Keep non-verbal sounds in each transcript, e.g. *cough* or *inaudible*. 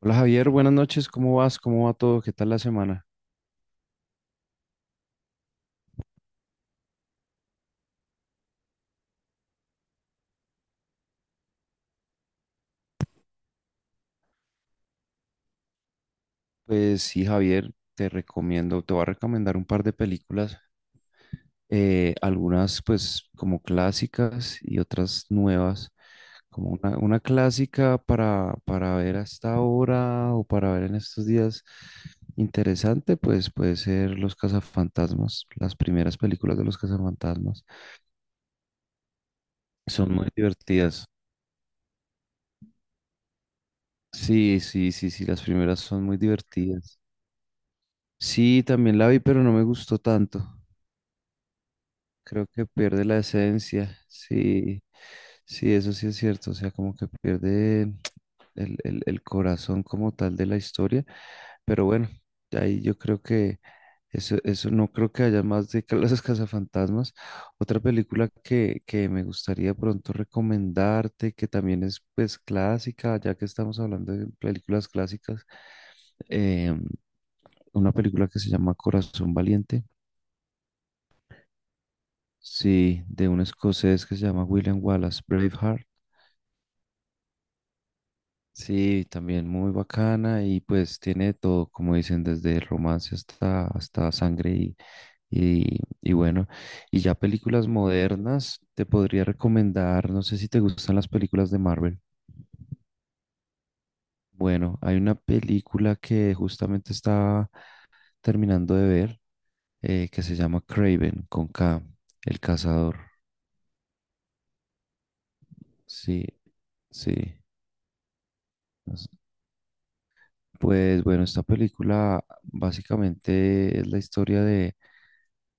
Hola Javier, buenas noches, ¿cómo vas? ¿Cómo va todo? ¿Qué tal la semana? Pues sí, Javier, te voy a recomendar un par de películas, algunas pues como clásicas y otras nuevas, como una clásica para ver hasta ahora o para ver en estos días interesante, pues puede ser Los Cazafantasmas, las primeras películas de Los Cazafantasmas, son muy divertidas. Sí, las primeras son muy divertidas. Sí, también la vi, pero no me gustó tanto. Creo que pierde la esencia. Sí, sí, eso sí es cierto. O sea, como que pierde el corazón como tal de la historia. Pero bueno, ahí yo creo que eso no creo que haya más de *laughs* que los cazafantasmas. Otra película que me gustaría pronto recomendarte, que también es pues clásica, ya que estamos hablando de películas clásicas, eh, una película que se llama Corazón Valiente. Sí, de un escocés que se llama William Wallace Braveheart. Sí, también muy bacana y pues tiene de todo, como dicen, desde romance hasta sangre y bueno. Y ya películas modernas, te podría recomendar, no sé si te gustan las películas de Marvel. Bueno, hay una película que justamente estaba terminando de ver que se llama Craven con K, El Cazador. Sí, sí. Pues bueno, esta película básicamente es la historia de,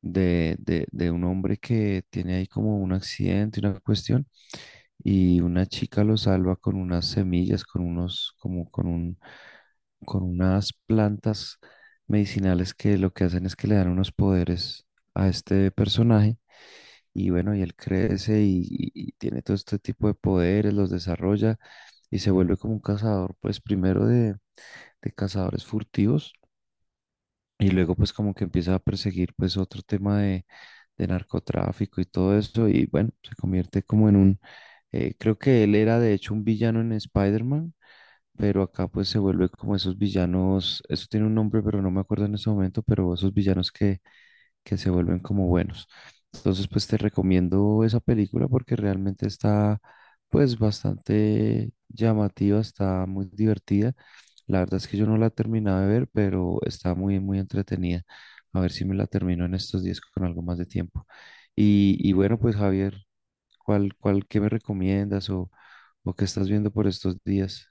de, de- de un hombre que tiene ahí como un accidente, una cuestión, y una chica lo salva con unas semillas, con unos, como con un, con unas plantas medicinales que lo que hacen es que le dan unos poderes a este personaje y bueno, y él crece y tiene todo este tipo de poderes, los desarrolla y se vuelve como un cazador, pues primero de cazadores furtivos y luego pues como que empieza a perseguir pues otro tema de narcotráfico y todo eso y bueno, se convierte como en un, creo que él era de hecho un villano en Spider-Man, pero acá pues se vuelve como esos villanos, eso tiene un nombre pero no me acuerdo en este momento, pero esos villanos que se vuelven como buenos. Entonces, pues te recomiendo esa película porque realmente está pues bastante llamativa, está muy divertida. La verdad es que yo no la he terminado de ver, pero está muy entretenida. A ver si me la termino en estos días con algo más de tiempo. Y bueno, pues Javier, ¿qué me o qué estás viendo por estos días?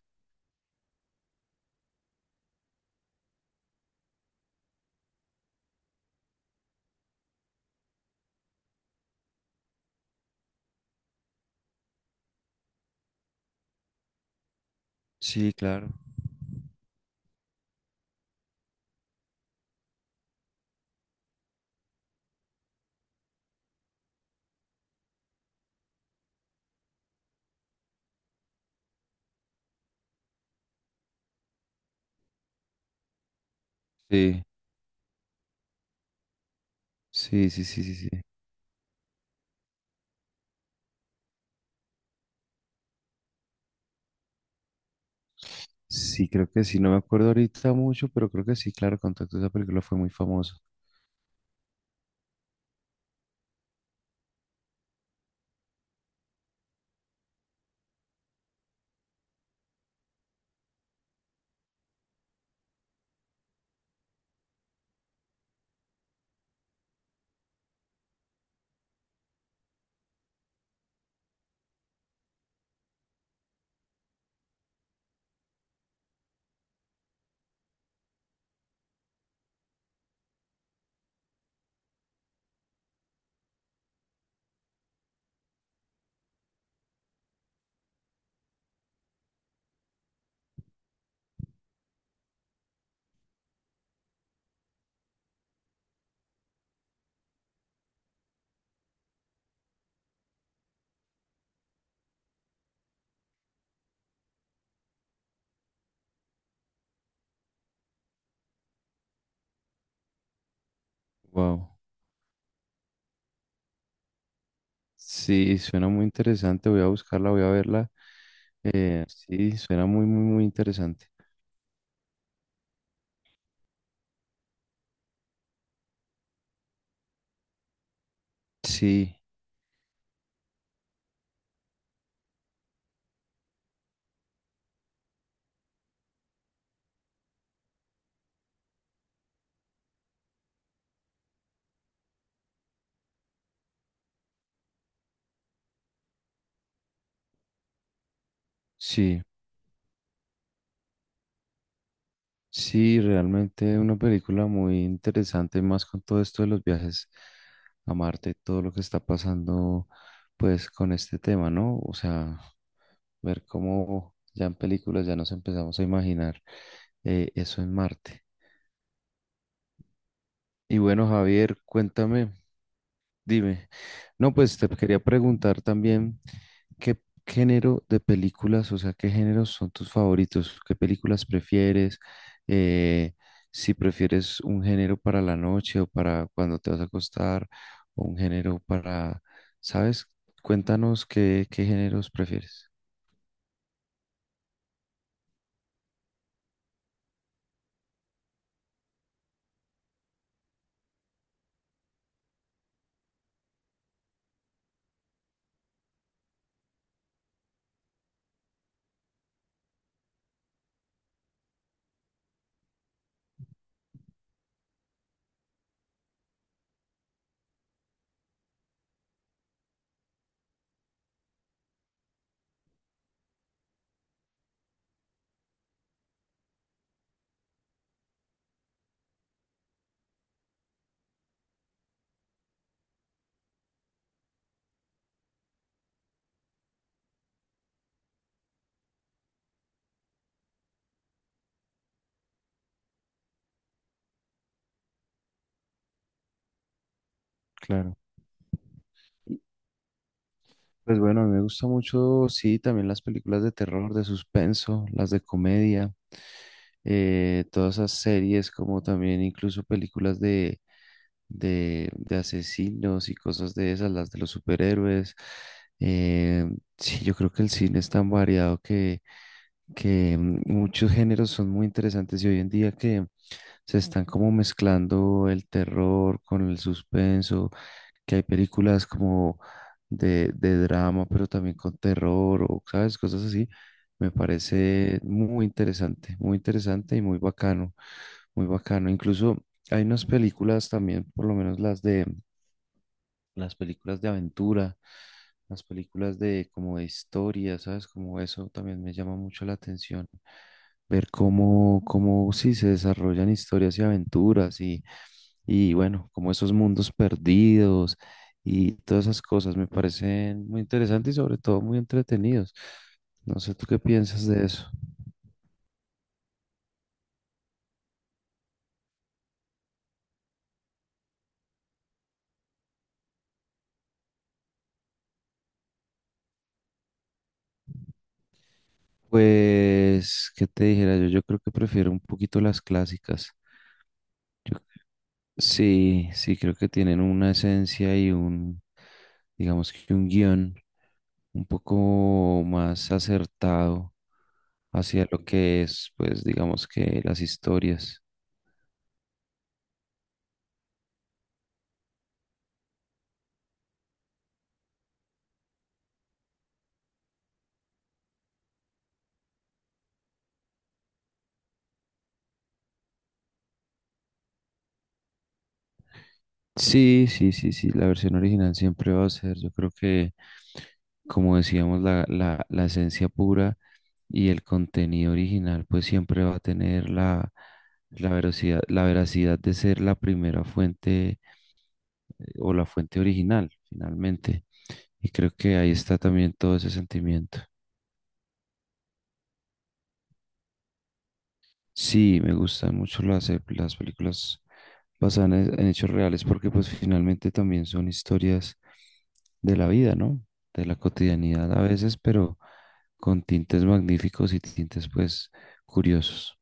Sí, claro. Sí, sí, sí. Sí, creo que sí, no me acuerdo ahorita mucho, pero creo que sí, claro, Contacto, esa película fue muy famosa. Wow. Sí, suena muy interesante, voy a buscarla, voy a verla. Sí, suena muy interesante. Sí, sí, sí, realmente una película muy interesante, más con todo esto de los viajes a Marte, todo lo que está pasando, pues, con este tema, ¿no? O sea, ver cómo ya en películas ya nos empezamos a imaginar eso en Marte. Y bueno, Javier, cuéntame, dime. No, pues te quería preguntar también qué género de películas, o sea, qué géneros son tus favoritos, qué películas prefieres, eh, si prefieres un género para la noche o para cuando te vas a acostar, o un género para, ¿sabes? Cuéntanos qué géneros prefieres. Claro. Pues bueno, a mí me gusta mucho, sí, también las películas de terror, de suspenso, las de comedia, todas esas series, como también incluso películas de asesinos y cosas de esas, las de los superhéroes. Eh, sí, yo creo que el cine es tan variado que muchos géneros son muy interesantes y hoy en día que se están como mezclando el terror con el suspenso, que hay películas como de drama, pero también con terror o, ¿sabes? Cosas así. Me parece muy interesante y muy bacano, muy bacano. Incluso hay unas películas también, por lo menos las películas de aventura, las películas de como de historia, ¿sabes? Como eso también me llama mucho la atención. Ver cómo, cómo sí se desarrollan historias y aventuras y bueno, como esos mundos perdidos y todas esas cosas me parecen muy interesantes y sobre todo muy entretenidos. No sé, ¿tú qué piensas de eso? Pues, ¿qué te dijera yo? Yo creo que prefiero un poquito las clásicas. Sí, sí, creo que tienen una esencia y un, digamos que un guión un poco más acertado hacia lo que es, pues digamos que las historias. Sí, sí, la versión original siempre va a ser, yo creo que, como decíamos, la esencia pura y el contenido original, pues siempre va a tener la veracidad de ser la primera fuente o la fuente original, finalmente. Y creo que ahí está también todo ese sentimiento. Sí, me gustan mucho las películas basadas en hechos reales porque pues finalmente también son historias de la vida, ¿no? De la cotidianidad a veces, pero con tintes magníficos y tintes pues curiosos.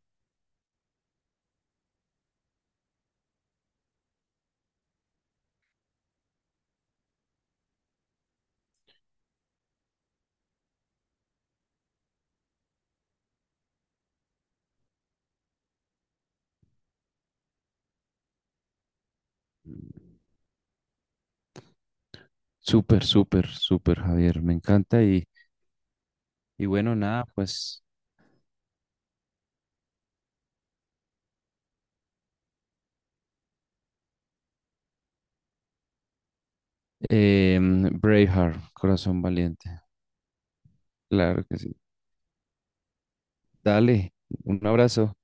Súper, súper, súper, Javier, me encanta y bueno, nada, pues Braveheart, corazón valiente. Claro que sí. Dale, un abrazo.